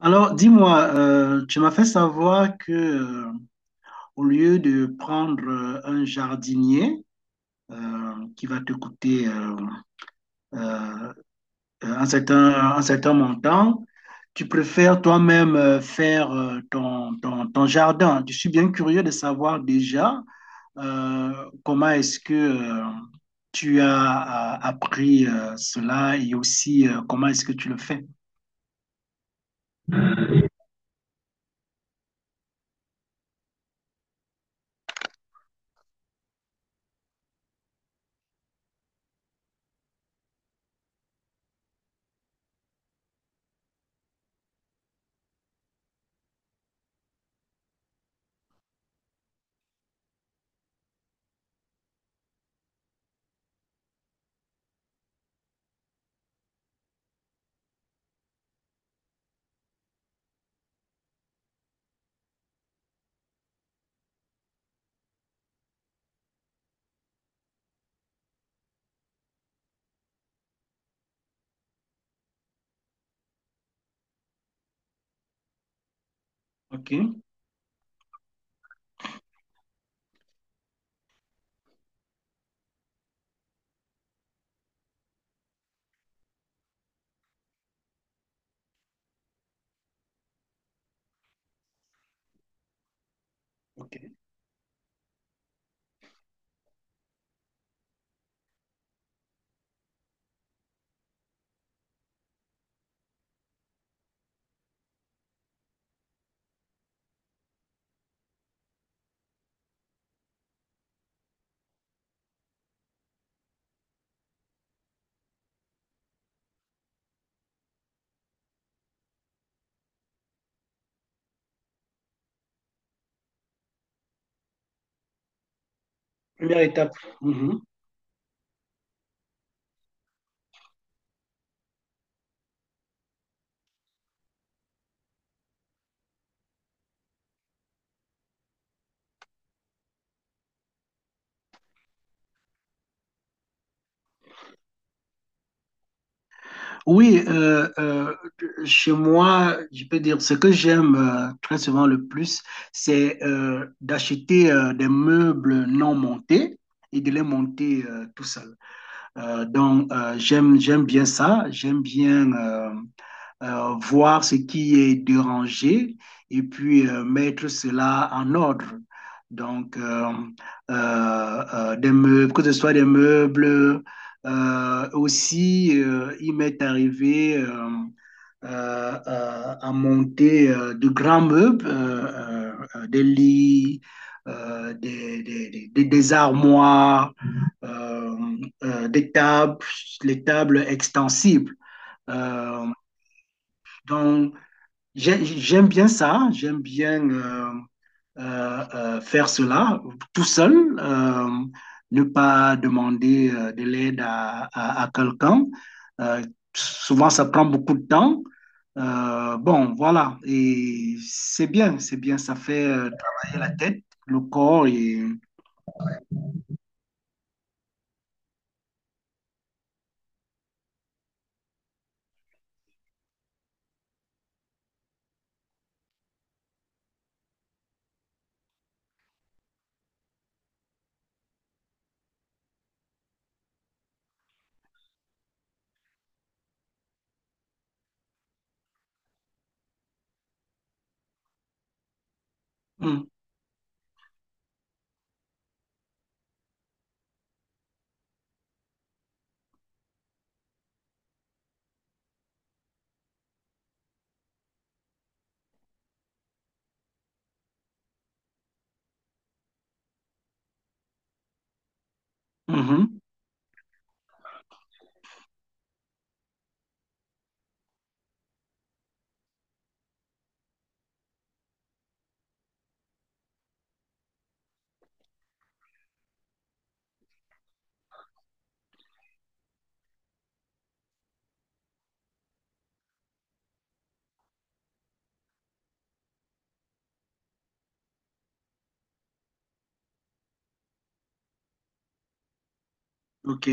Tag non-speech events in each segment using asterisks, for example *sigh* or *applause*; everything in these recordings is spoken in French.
Alors, dis-moi, tu m'as fait savoir que, au lieu de prendre un jardinier qui va te coûter euh, un certain montant. Tu préfères toi-même faire ton jardin. Je suis bien curieux de savoir déjà comment est-ce que tu as appris cela, et aussi comment est-ce que tu le fais. OK? OK. Première étape. Mhm. Oui, chez moi, je peux dire, ce que j'aime très souvent le plus, c'est d'acheter des meubles non montés et de les monter tout seul. Donc j'aime bien ça, j'aime bien voir ce qui est dérangé et puis mettre cela en ordre. Donc, des meubles, que ce soit des meubles, aussi, il m'est arrivé à monter de grands meubles, des lits, des armoires, euh, des tables, les tables extensibles. Euh, donc, j'aime bien ça, j'aime bien faire cela tout seul, euh, ne pas demander de l'aide à quelqu'un. Euh, Souvent, ça prend beaucoup de temps. Bon, voilà, et c'est bien, ça fait travailler la tête, le corps et... Hum, mhm, ok,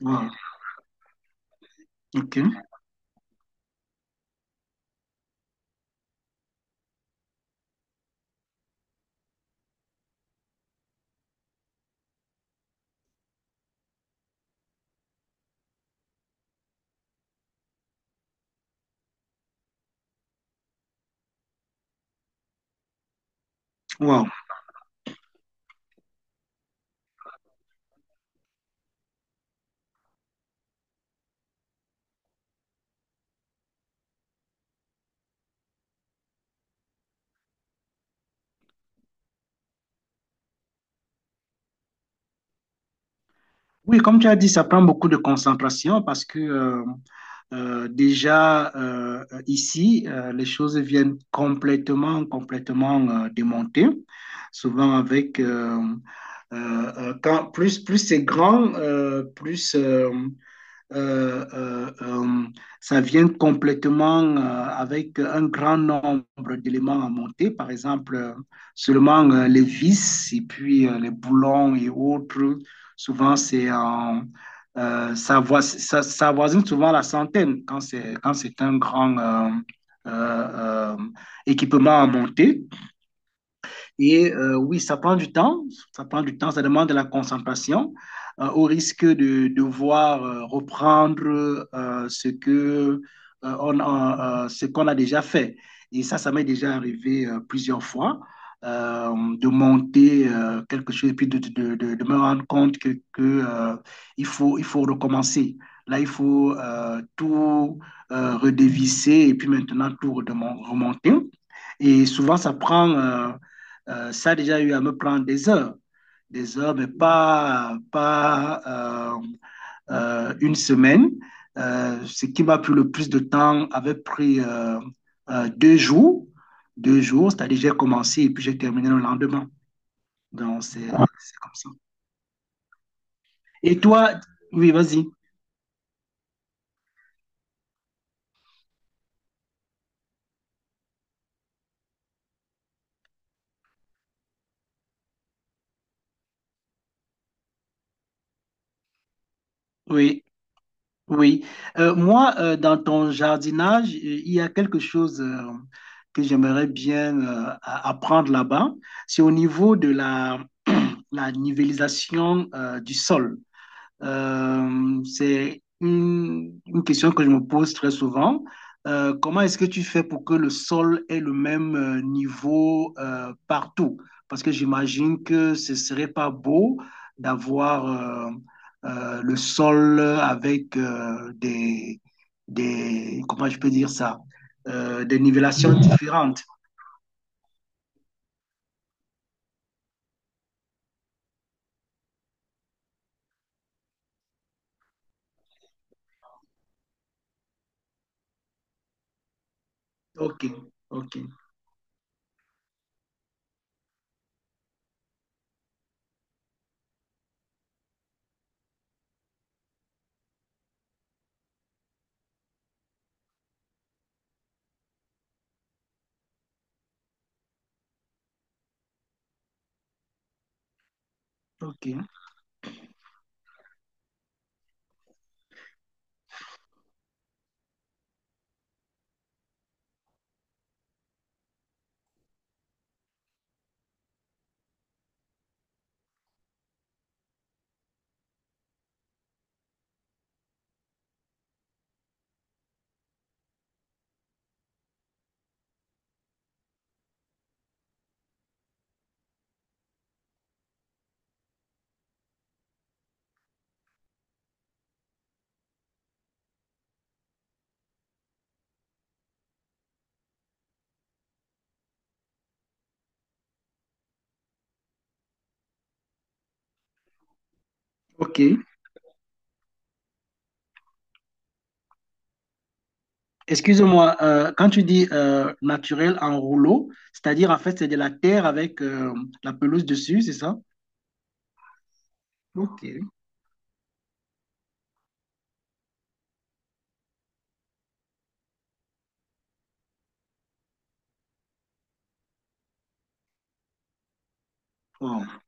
wow, ok, wow. Oui, comme tu as dit, ça prend beaucoup de concentration parce que déjà ici, les choses viennent complètement, démontées, souvent avec quand plus c'est grand, plus euh, euh, euh, ça vient complètement avec un grand nombre d'éléments à monter, par exemple seulement les vis et puis les boulons et autres. Souvent, c'est en ça, voi- ça avoisine souvent la centaine quand c'est un grand euh, euh, équipement à monter. Et oui, ça prend du temps, ça prend du temps, ça demande de la concentration, au risque de devoir reprendre ce qu'on a déjà fait. Et ça m'est déjà arrivé plusieurs fois, de monter quelque chose et puis de me rendre compte que, il faut recommencer. Là, il faut tout redévisser et puis maintenant tout remonter. Et souvent, ça prend, ça a déjà eu à me prendre des heures, mais pas, pas une semaine. Ce qui m'a pris le plus de temps avait pris euh, deux jours, deux jours, c'est-à-dire j'ai commencé et puis j'ai terminé le lendemain. Donc, c'est comme ça. Et toi, oui, vas-y, oui. Oui, moi, dans ton jardinage, il y a quelque chose que j'aimerais bien apprendre là-bas. C'est au niveau de la, *clears throat* la nivellisation du sol. C'est une question que je me pose très souvent. Comment est-ce que tu fais pour que le sol ait le même niveau partout? Parce que j'imagine que ce serait pas beau d'avoir le sol avec des, comment je peux dire ça? Des nivellations différentes. Ok, ok, ok, ok. Excuse-moi, quand tu dis naturel en rouleau, c'est-à-dire en fait c'est de la terre avec la pelouse dessus, c'est ça? Ok. Wow.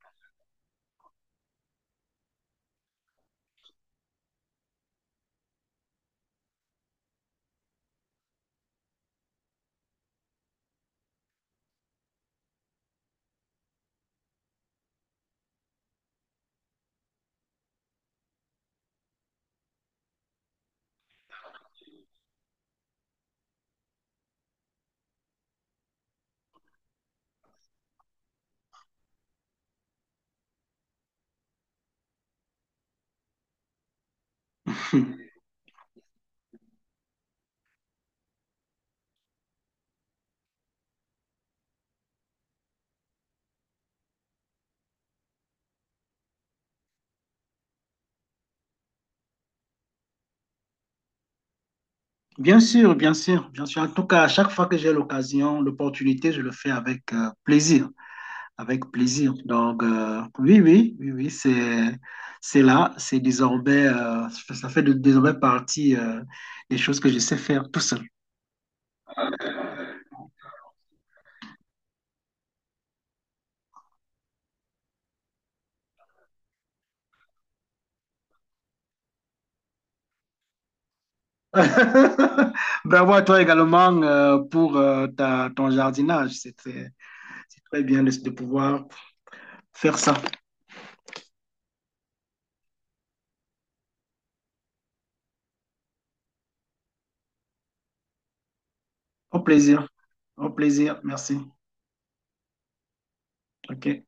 *laughs* Bien sûr, bien sûr, bien sûr. En tout cas, à chaque fois que j'ai l'occasion, l'opportunité, je le fais avec plaisir, avec plaisir. Donc, oui, oui, oui, oui, c'est là, c'est désormais, ça fait désormais partie des choses que je sais faire tout seul. *laughs* Bravo à toi également pour ta, ton jardinage. C'est très bien de pouvoir faire ça. Au plaisir. Au plaisir. Merci. OK.